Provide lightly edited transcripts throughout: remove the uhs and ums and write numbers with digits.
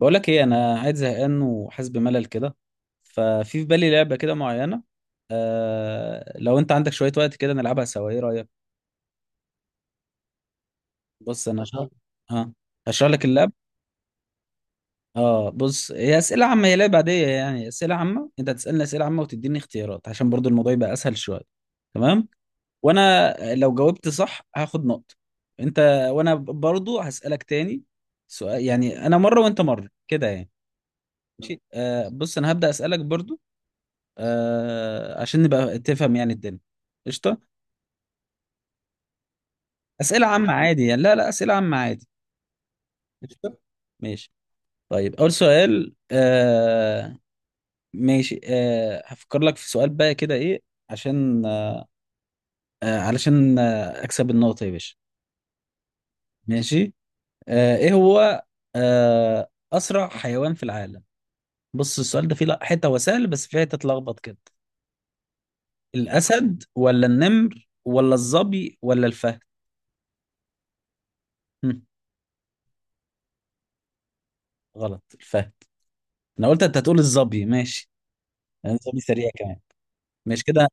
بقول لك ايه، انا قاعد زهقان وحاسس بملل كده. ففي في بالي لعبه كده معينه. لو انت عندك شويه وقت كده نلعبها سوا، ايه رايك؟ بص انا هشرح. اه هشرح لك اللعب. اه بص، هي اسئله عامه، هي لعبه عاديه يعني. اسئله عامه، انت هتسالني اسئله عامه وتديني اختيارات عشان برضو الموضوع يبقى اسهل شويه. تمام. وانا لو جاوبت صح هاخد نقطه. انت. وانا برضو هسالك تاني سؤال، يعني انا مره وانت مره كده يعني. ماشي بص، انا هبدا اسالك برضو. عشان نبقى تفهم يعني الدنيا. قشطة. أسئلة عامة عادي يعني، لا لا، أسئلة عامة عادي. قشطة. ماشي. طيب، أول سؤال. ماشي هفكر لك في سؤال بقى كده، إيه؟ عشان علشان أكسب النقطة يا باشا. ماشي. إيه هو؟ أسرع حيوان في العالم. بص السؤال ده فيه حتة هو سهل بس فيه حتة تلخبط كده. الأسد ولا النمر ولا الظبي ولا الفهد؟ هم، غلط، الفهد. انا قلت انت هتقول الظبي، ماشي. انا الظبي سريع كمان. مش كده،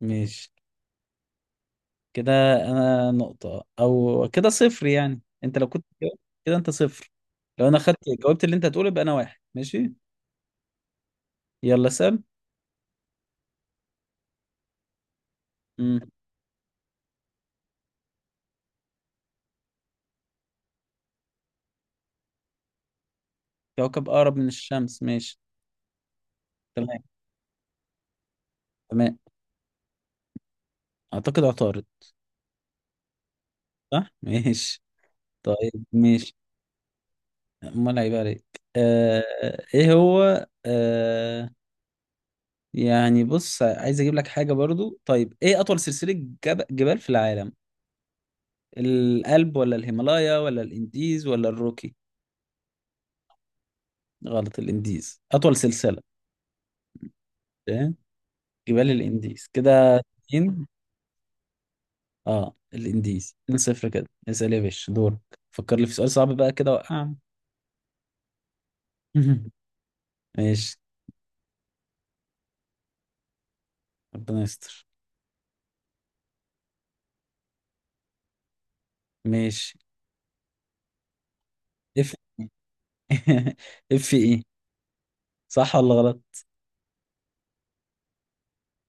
مش كده. انا نقطة او كده، صفر يعني. انت لو كنت جاوبت كده، انت صفر. لو انا خدت، جاوبت اللي انت هتقوله يبقى انا واحد. ماشي. يلا سام. امم كوكب اقرب من الشمس، ماشي. تمام، تمام. اعتقد عطارد. صح ماشي طيب. ماشي. امال هيبقى عليك. آه ايه هو؟ يعني بص، عايز اجيب لك حاجة برضو. طيب ايه اطول سلسلة جبال في العالم؟ الألب ولا الهيمالايا ولا الإنديز ولا الروكي؟ غلط، الإنديز أطول سلسلة. فاهم؟ جبال الإنديز كده. اتنين. اه الإنديز. 2 صفر كده. اسأل يا باشا، دور. فكر لي في سؤال صعب بقى كده، وقع. ماشي. ربنا يستر. ماشي. اف. اف ايه؟ صح ولا غلط؟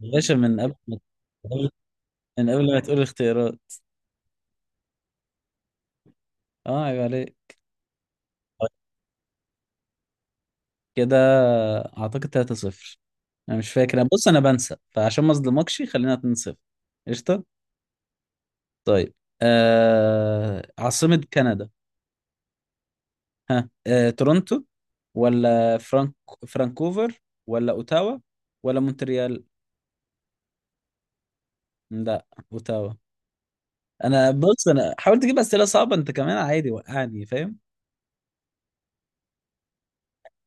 يا باشا من قبل ما تقول الاختيارات. اه عيب عليك. طيب كده اعتقد 3 صفر. انا مش فاكر بص انا بنسى فعشان ما اظلمكش خلينا 2-0. قشطه. طيب عاصمة كندا. ها تورونتو، ولا فرانكوفر، ولا اوتاوا، ولا مونتريال؟ لا، اوتاوا. انا بص، انا حاولت اجيب اسئله صعبه، انت كمان عادي وقعني فاهم.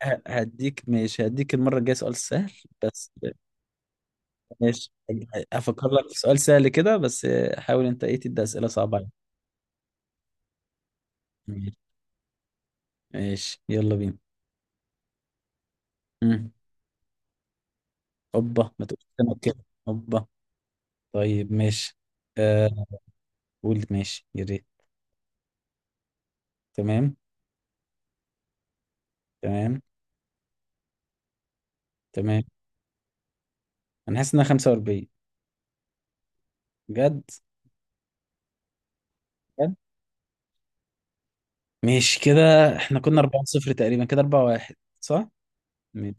هديك، ماشي هديك المره الجايه سؤال سهل. بس ماشي هفكر لك في سؤال سهل كده بس حاول انت ايه تدي اسئله صعبه عليا. ماشي. ماشي، يلا بينا. مم. اوبا، ما تقولش انا كده اوبا. طيب ماشي آه قول ماشي يا ريت. تمام. تمام. تمام. انا حاسس انها 45. بجد؟ بجد؟ ماشي كده. احنا كنا 4 0 تقريبا كده، 4 1 صح. ماشي.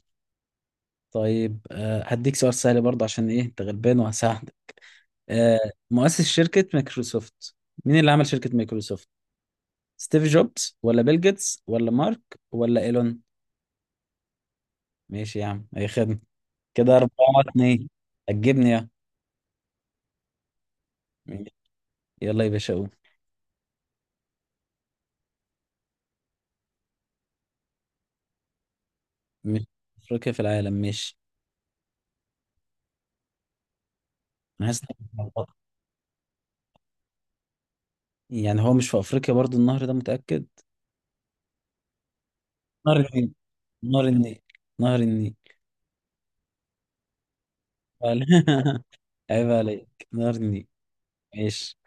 طيب هديك سؤال سهل برضه عشان ايه انت غلبان وهساعدك. آه مؤسس شركة مايكروسوفت، مين اللي عمل شركة مايكروسوفت؟ ستيف جوبز، ولا بيل جيتس، ولا مارك، ولا ايلون؟ ماشي يا عم، اي خدمة. كده 4 2. هتجيبني يا. ماشي. يلا يا باشا قول. مش في افريقيا، في العالم، مش. انا حاسس إنها متلخبطة. يعني هو مش في افريقيا برضو النهر ده، متاكد؟ نهر النيل، نهر النيل، نهر النيل. عيب عليك، نهر النيل. ماشي.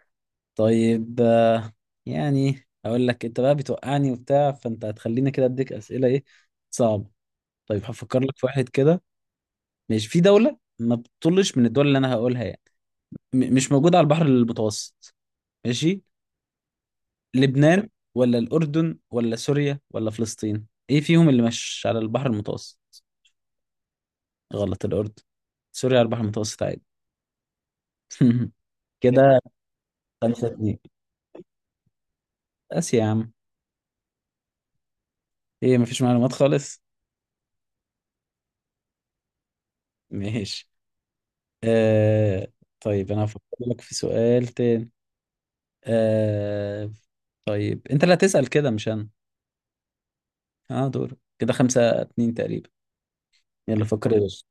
طيب يعني اقول لك، انت بقى بتوقعني وبتاع، فانت هتخليني كده اديك اسئله ايه، صعبه. طيب هفكر لك في واحد كده. ماشي، في دوله ما بتطلش من الدول اللي انا هقولها يعني، مش موجوده على البحر المتوسط. ماشي. لبنان، ولا الأردن، ولا سوريا، ولا فلسطين، ايه فيهم اللي مش على البحر المتوسط؟ غلط، الأردن. سوريا على البحر المتوسط عادي. كده خمسة اتنين. بس يا عم، ايه مفيش معلومات خالص. ماشي آه... طيب، انا هفكر لك في سؤال تاني. آه... طيب، انت اللي هتسأل كده مش انا. اه، دور كده خمسة اتنين تقريبا. يلا فكر يا باشا.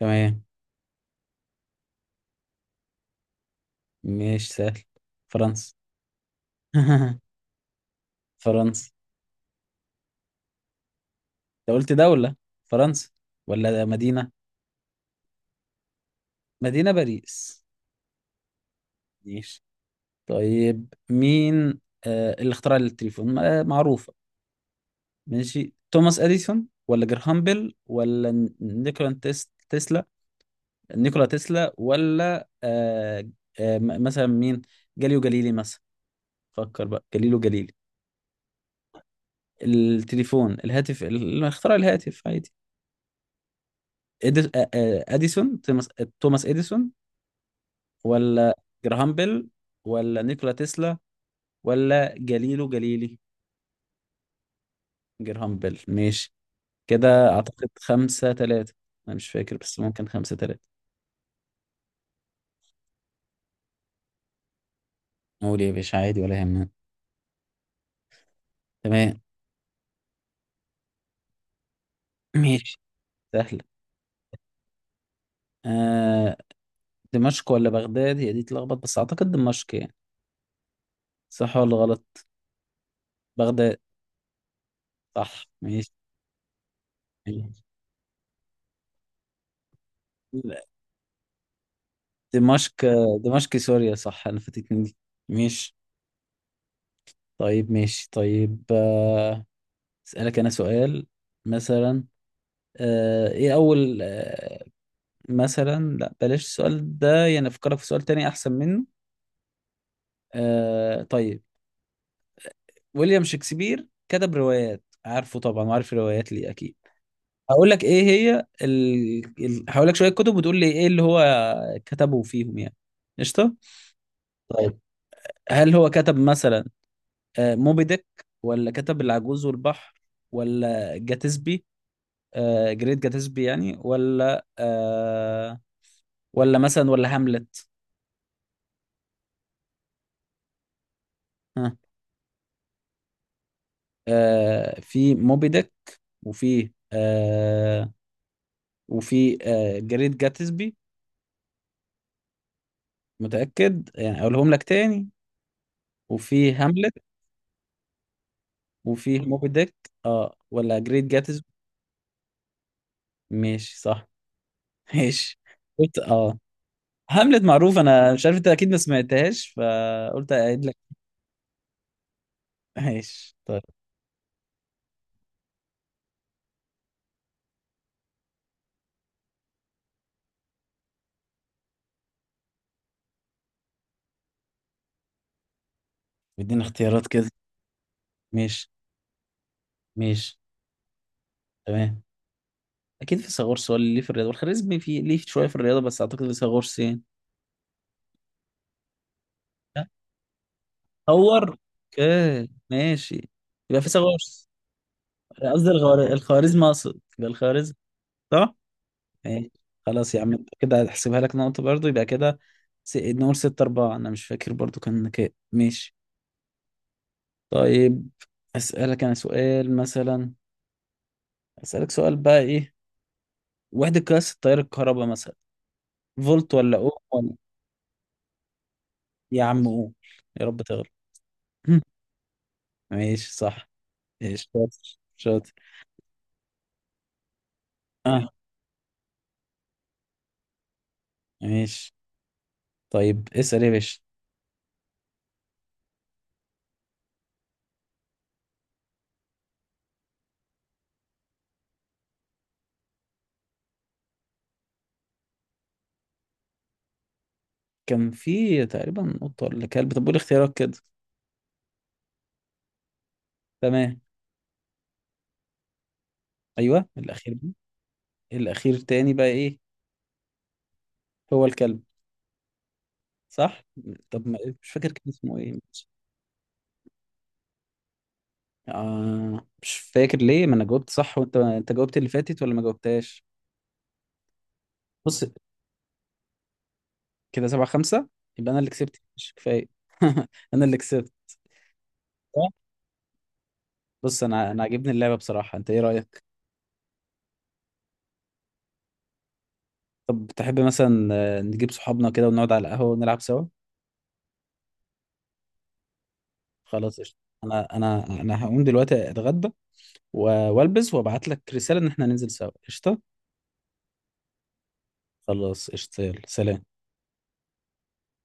تمام. ماشي سهل. فرنسا. فرنسا. انت قلت دولة؟ فرنسا. ولا مدينة؟ مدينة باريس. ماشي. طيب مين اللي اخترع التليفون؟ معروفة. ماشي، توماس اديسون، ولا جراهام بيل، ولا نيكولا تسلا؟ نيكولا تسلا، ولا مثلا مين؟ جاليو جاليلي مثلا. فكر بقى، جاليلو جاليلي. التليفون، الهاتف، اللي اخترع الهاتف عادي. اديسون توماس، توماس اديسون، ولا جراهام بيل، ولا نيكولا تسلا، ولا جليله جليلي؟ جرهام بيل. ماشي. كده أعتقد خمسة تلاتة. أنا مش فاكر بس ممكن خمسة تلاتة. قول يا باشا عادي ولا يهمنا. تمام. ماشي سهلة. آه دمشق ولا بغداد هي دي تلخبط، بس أعتقد دمشق يعني. صح ولا غلط؟ بغداد. صح ماشي. ماشي. لا، دمشق. دمشق سوريا صح، أنا فاتتني دي. ماشي. طيب ماشي طيب أسألك أنا سؤال مثلا. إيه أول مثلا، لا بلاش السؤال ده يعني، افكرك في سؤال تاني احسن منه. طيب، ويليام شكسبير كتب روايات عارفه طبعا، وعارف الروايات ليه اكيد. هقول لك ايه هي هقول لك شويه كتب وتقول لي ايه اللي هو كتبه فيهم يعني. قشطه. طيب، هل هو كتب مثلا موبي ديك، ولا كتب العجوز والبحر، ولا جاتسبي، جريت جاتسبي يعني، ولا ولا مثلا ولا هاملت؟ في موبي ديك، وفي آه وفي جريت جاتسبي. متأكد يعني، أقولهم لك تاني. وفي هاملت. وفي موبي ديك. اه، ولا جريت جاتسبي. ماشي صح. ماشي. قلت اه. هاملت معروف، أنا مش عارف أنت أكيد ما سمعتهاش فقلت أعيد لك. ماشي طيب. بدينا اختيارات كده. ماشي. ماشي. تمام. أكيد في فيثاغورس هو اللي ليه في الرياضة، والخوارزمي في ليه شوية في الرياضة، بس أعتقد فيثاغورس يعني. صور. اوكي ماشي. يبقى في صور. قصدي الخوارزم، اقصد يبقى الخوارزم. صح؟ ماشي. خلاص يا عم، كده هحسبها لك نقطة برضو يبقى كده. نقول ستة أربعة، أنا مش فاكر برضو كان كام. ماشي. طيب، أسألك أنا سؤال مثلا. أسألك سؤال بقى، إيه وحدة قياس التيار الكهرباء مثلا؟ فولت، ولا أوم، ولا... يا عم أوم، يا رب تغلط. ماشي صح. ماشي شاطر شاطر. اه ماشي. طيب اسأل يا باشا. كان في تقريبا قطة ولا كلب؟ طب قول اختيارات كده. تمام. ايوه الاخير ده. الاخير تاني بقى ايه؟ هو الكلب. صح. طب ما مش فاكر كان اسمه ايه. مش فاكر ليه، ما انا جاوبت صح وانت، جاوبت اللي فاتت ولا ما جاوبتهاش. بص كده سبعة خمسة. يبقى انا اللي كسبت، مش كفاية. انا اللي كسبت. صح؟ بص انا عاجبني اللعبة بصراحة، انت ايه رأيك؟ طب تحب مثلا نجيب صحابنا كده ونقعد على القهوة ونلعب سوا. خلاص قشطة. انا، انا هقوم دلوقتي اتغدى والبس وابعت لك رسالة ان احنا ننزل سوا. قشطة. خلاص قشطة، يلا سلام.